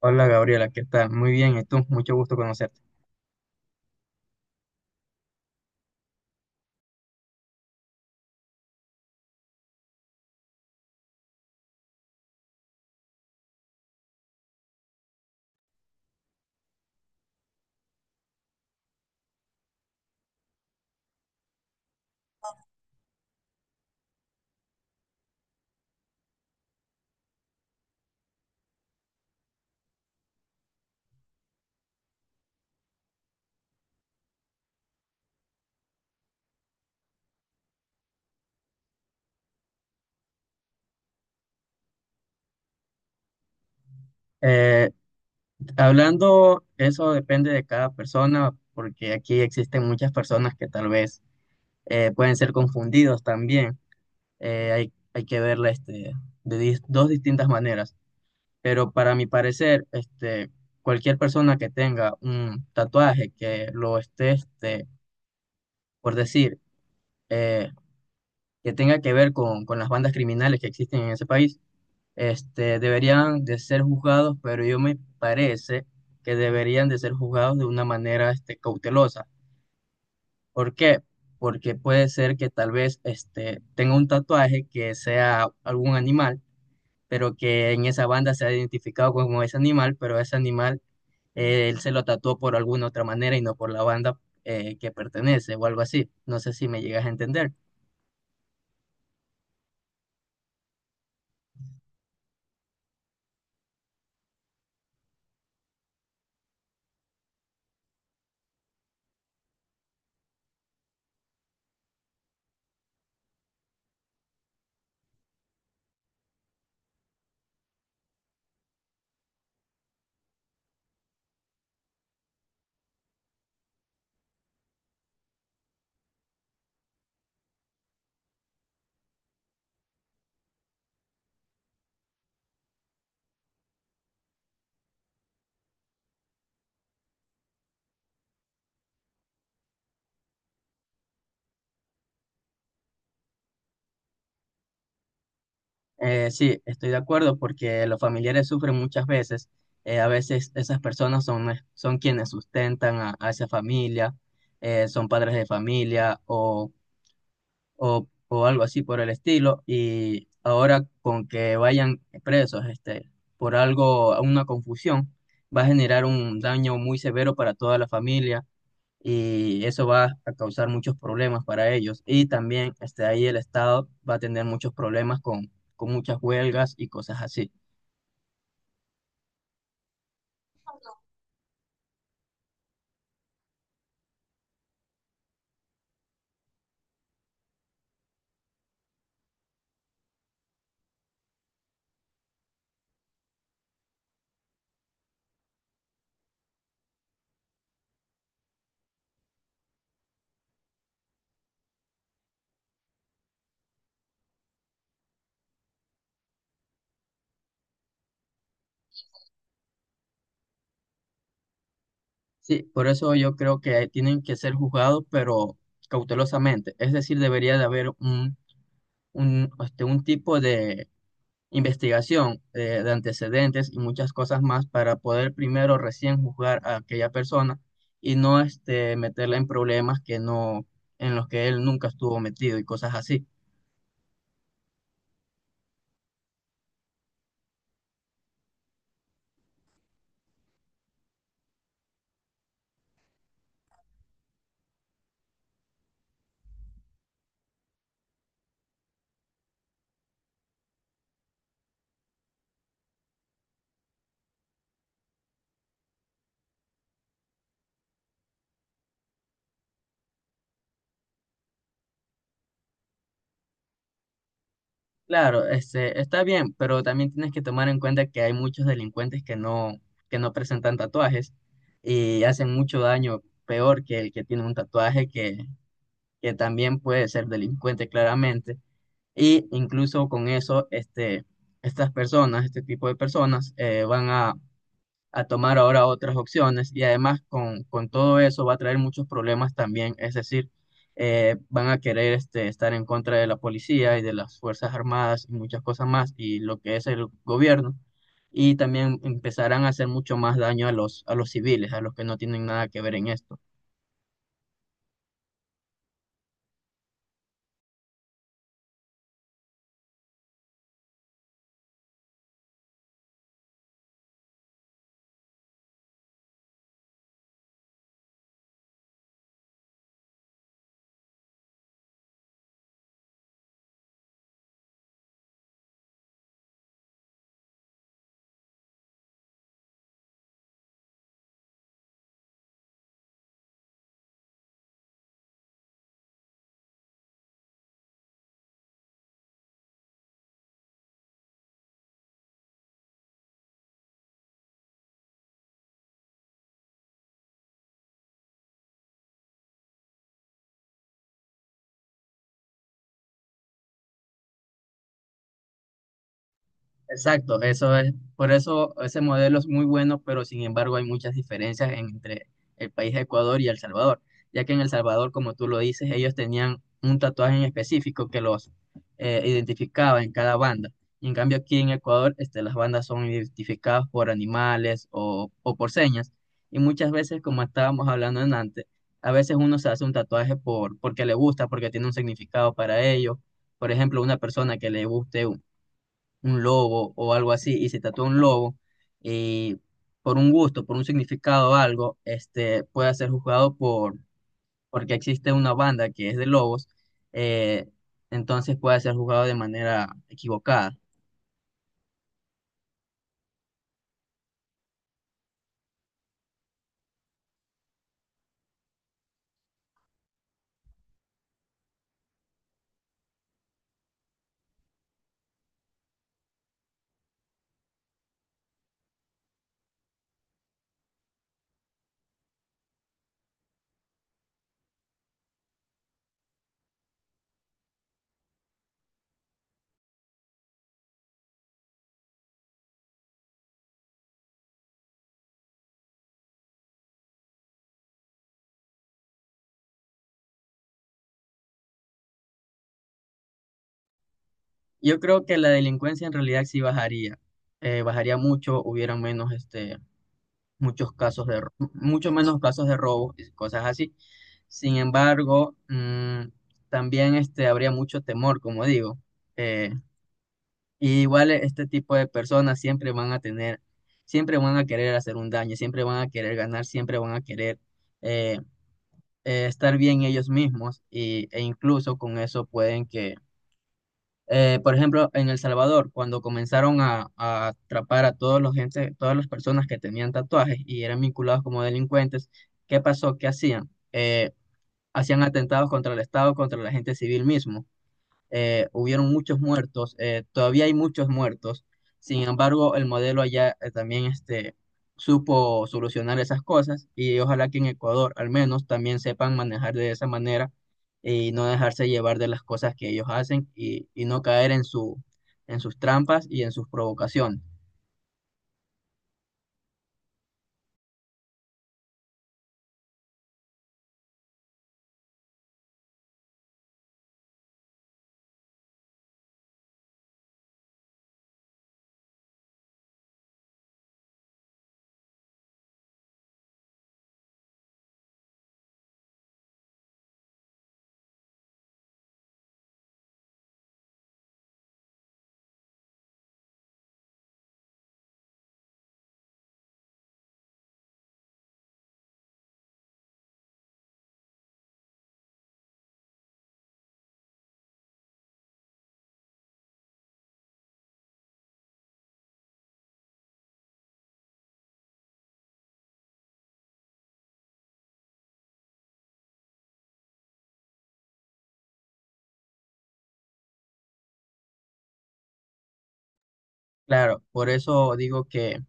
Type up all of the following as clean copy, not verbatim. Hola Gabriela, ¿qué tal? Muy bien, ¿y tú? Mucho gusto conocerte. Eh, Eso depende de cada persona, porque aquí existen muchas personas que tal vez pueden ser confundidos también. Hay que verla de dos distintas maneras, pero para mi parecer, cualquier persona que tenga un tatuaje que lo esté, por decir, eh, que tenga que ver con las bandas criminales que existen en ese país, deberían de ser juzgados, pero yo me parece que deberían de ser juzgados de una manera, cautelosa. ¿Por qué? Porque puede ser que tal vez, tenga un tatuaje que sea algún animal, pero que en esa banda se ha identificado como ese animal, pero ese animal, él se lo tatuó por alguna otra manera y no por la banda, que pertenece o algo así. No sé si me llegas a entender. Sí, estoy de acuerdo porque los familiares sufren muchas veces. A veces esas personas son quienes sustentan a esa familia, son padres de familia o algo así por el estilo. Y ahora con que vayan presos por algo, una confusión, va a generar un daño muy severo para toda la familia y eso va a causar muchos problemas para ellos. Y también ahí el Estado va a tener muchos problemas con muchas huelgas y cosas así. Sí, por eso yo creo que tienen que ser juzgados, pero cautelosamente. Es decir, debería de haber un tipo de investigación de antecedentes y muchas cosas más para poder primero recién juzgar a aquella persona y no meterla en problemas que no, en los que él nunca estuvo metido y cosas así. Claro, está bien, pero también tienes que tomar en cuenta que hay muchos delincuentes que no presentan tatuajes y hacen mucho daño, peor que el que tiene un tatuaje que también puede ser delincuente claramente. Y incluso con eso, estas personas, este tipo de personas, van a tomar ahora otras opciones y además con todo eso va a traer muchos problemas también, es decir, van a querer estar en contra de la policía y de las Fuerzas Armadas y muchas cosas más y lo que es el gobierno y también empezarán a hacer mucho más daño a los civiles, a los que no tienen nada que ver en esto. Exacto, eso es, por eso ese modelo es muy bueno, pero sin embargo hay muchas diferencias entre el país de Ecuador y El Salvador, ya que en El Salvador, como tú lo dices, ellos tenían un tatuaje en específico que los identificaba en cada banda. Y en cambio aquí en Ecuador, las bandas son identificadas por animales o por señas. Y muchas veces, como estábamos hablando en antes, a veces uno se hace un tatuaje porque le gusta, porque tiene un significado para ellos. Por ejemplo, una persona que le guste un lobo o algo así y se tatúa un lobo y por un gusto, por un significado o algo, pueda ser juzgado porque existe una banda que es de lobos, eh, entonces puede ser juzgado de manera equivocada. Yo creo que la delincuencia en realidad sí bajaría, bajaría mucho, hubiera menos, muchos casos de, mucho menos casos de robos y cosas así. Sin embargo, también habría mucho temor, como digo. eh, Y igual este tipo de personas siempre van a tener, siempre van a querer hacer un daño, siempre van a querer ganar, siempre van a querer eh, estar bien ellos mismos e incluso con eso pueden que por ejemplo, en El Salvador, cuando comenzaron a atrapar a todos los gente, todas las personas que tenían tatuajes y eran vinculados como delincuentes, ¿qué pasó? ¿Qué hacían? Hacían atentados contra el Estado, contra la gente civil mismo, hubieron muchos muertos, todavía hay muchos muertos. Sin embargo, el modelo allá también supo solucionar esas cosas y ojalá que en Ecuador al menos también sepan manejar de esa manera y no dejarse llevar de las cosas que ellos hacen y no caer en su, en sus trampas y en sus provocaciones. Claro, por eso digo que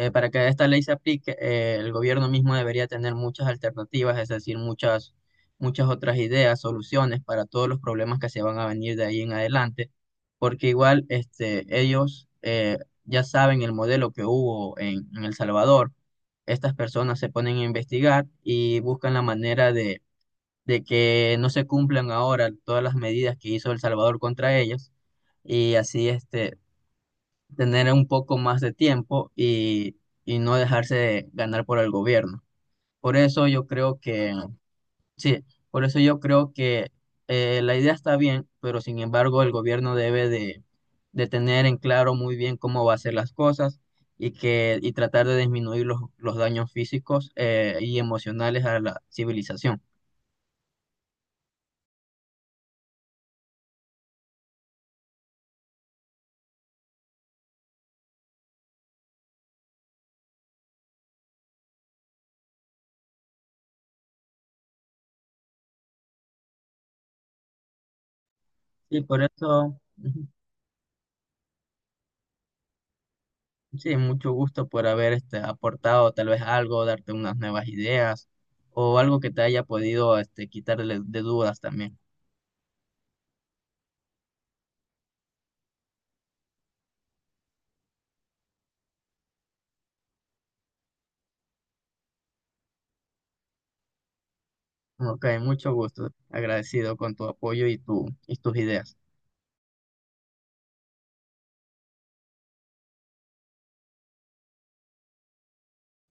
Para que esta ley se aplique, el gobierno mismo debería tener muchas alternativas, es decir, muchas otras ideas, soluciones para todos los problemas que se van a venir de ahí en adelante, porque igual ellos ya saben el modelo que hubo en El Salvador. Estas personas se ponen a investigar y buscan la manera de que no se cumplan ahora todas las medidas que hizo El Salvador contra ellas y así tener un poco más de tiempo y no dejarse ganar por el gobierno. Por eso yo creo que, sí, por eso yo creo que la idea está bien, pero sin embargo el gobierno debe de tener en claro muy bien cómo va a hacer las cosas y tratar de disminuir los daños físicos y emocionales a la civilización. Sí, ujú. Sí, mucho gusto por haber aportado tal vez algo, darte unas nuevas ideas o algo que te haya podido quitar de dudas también. Ok, mucho gusto. Agradecido con tu apoyo y tus ideas.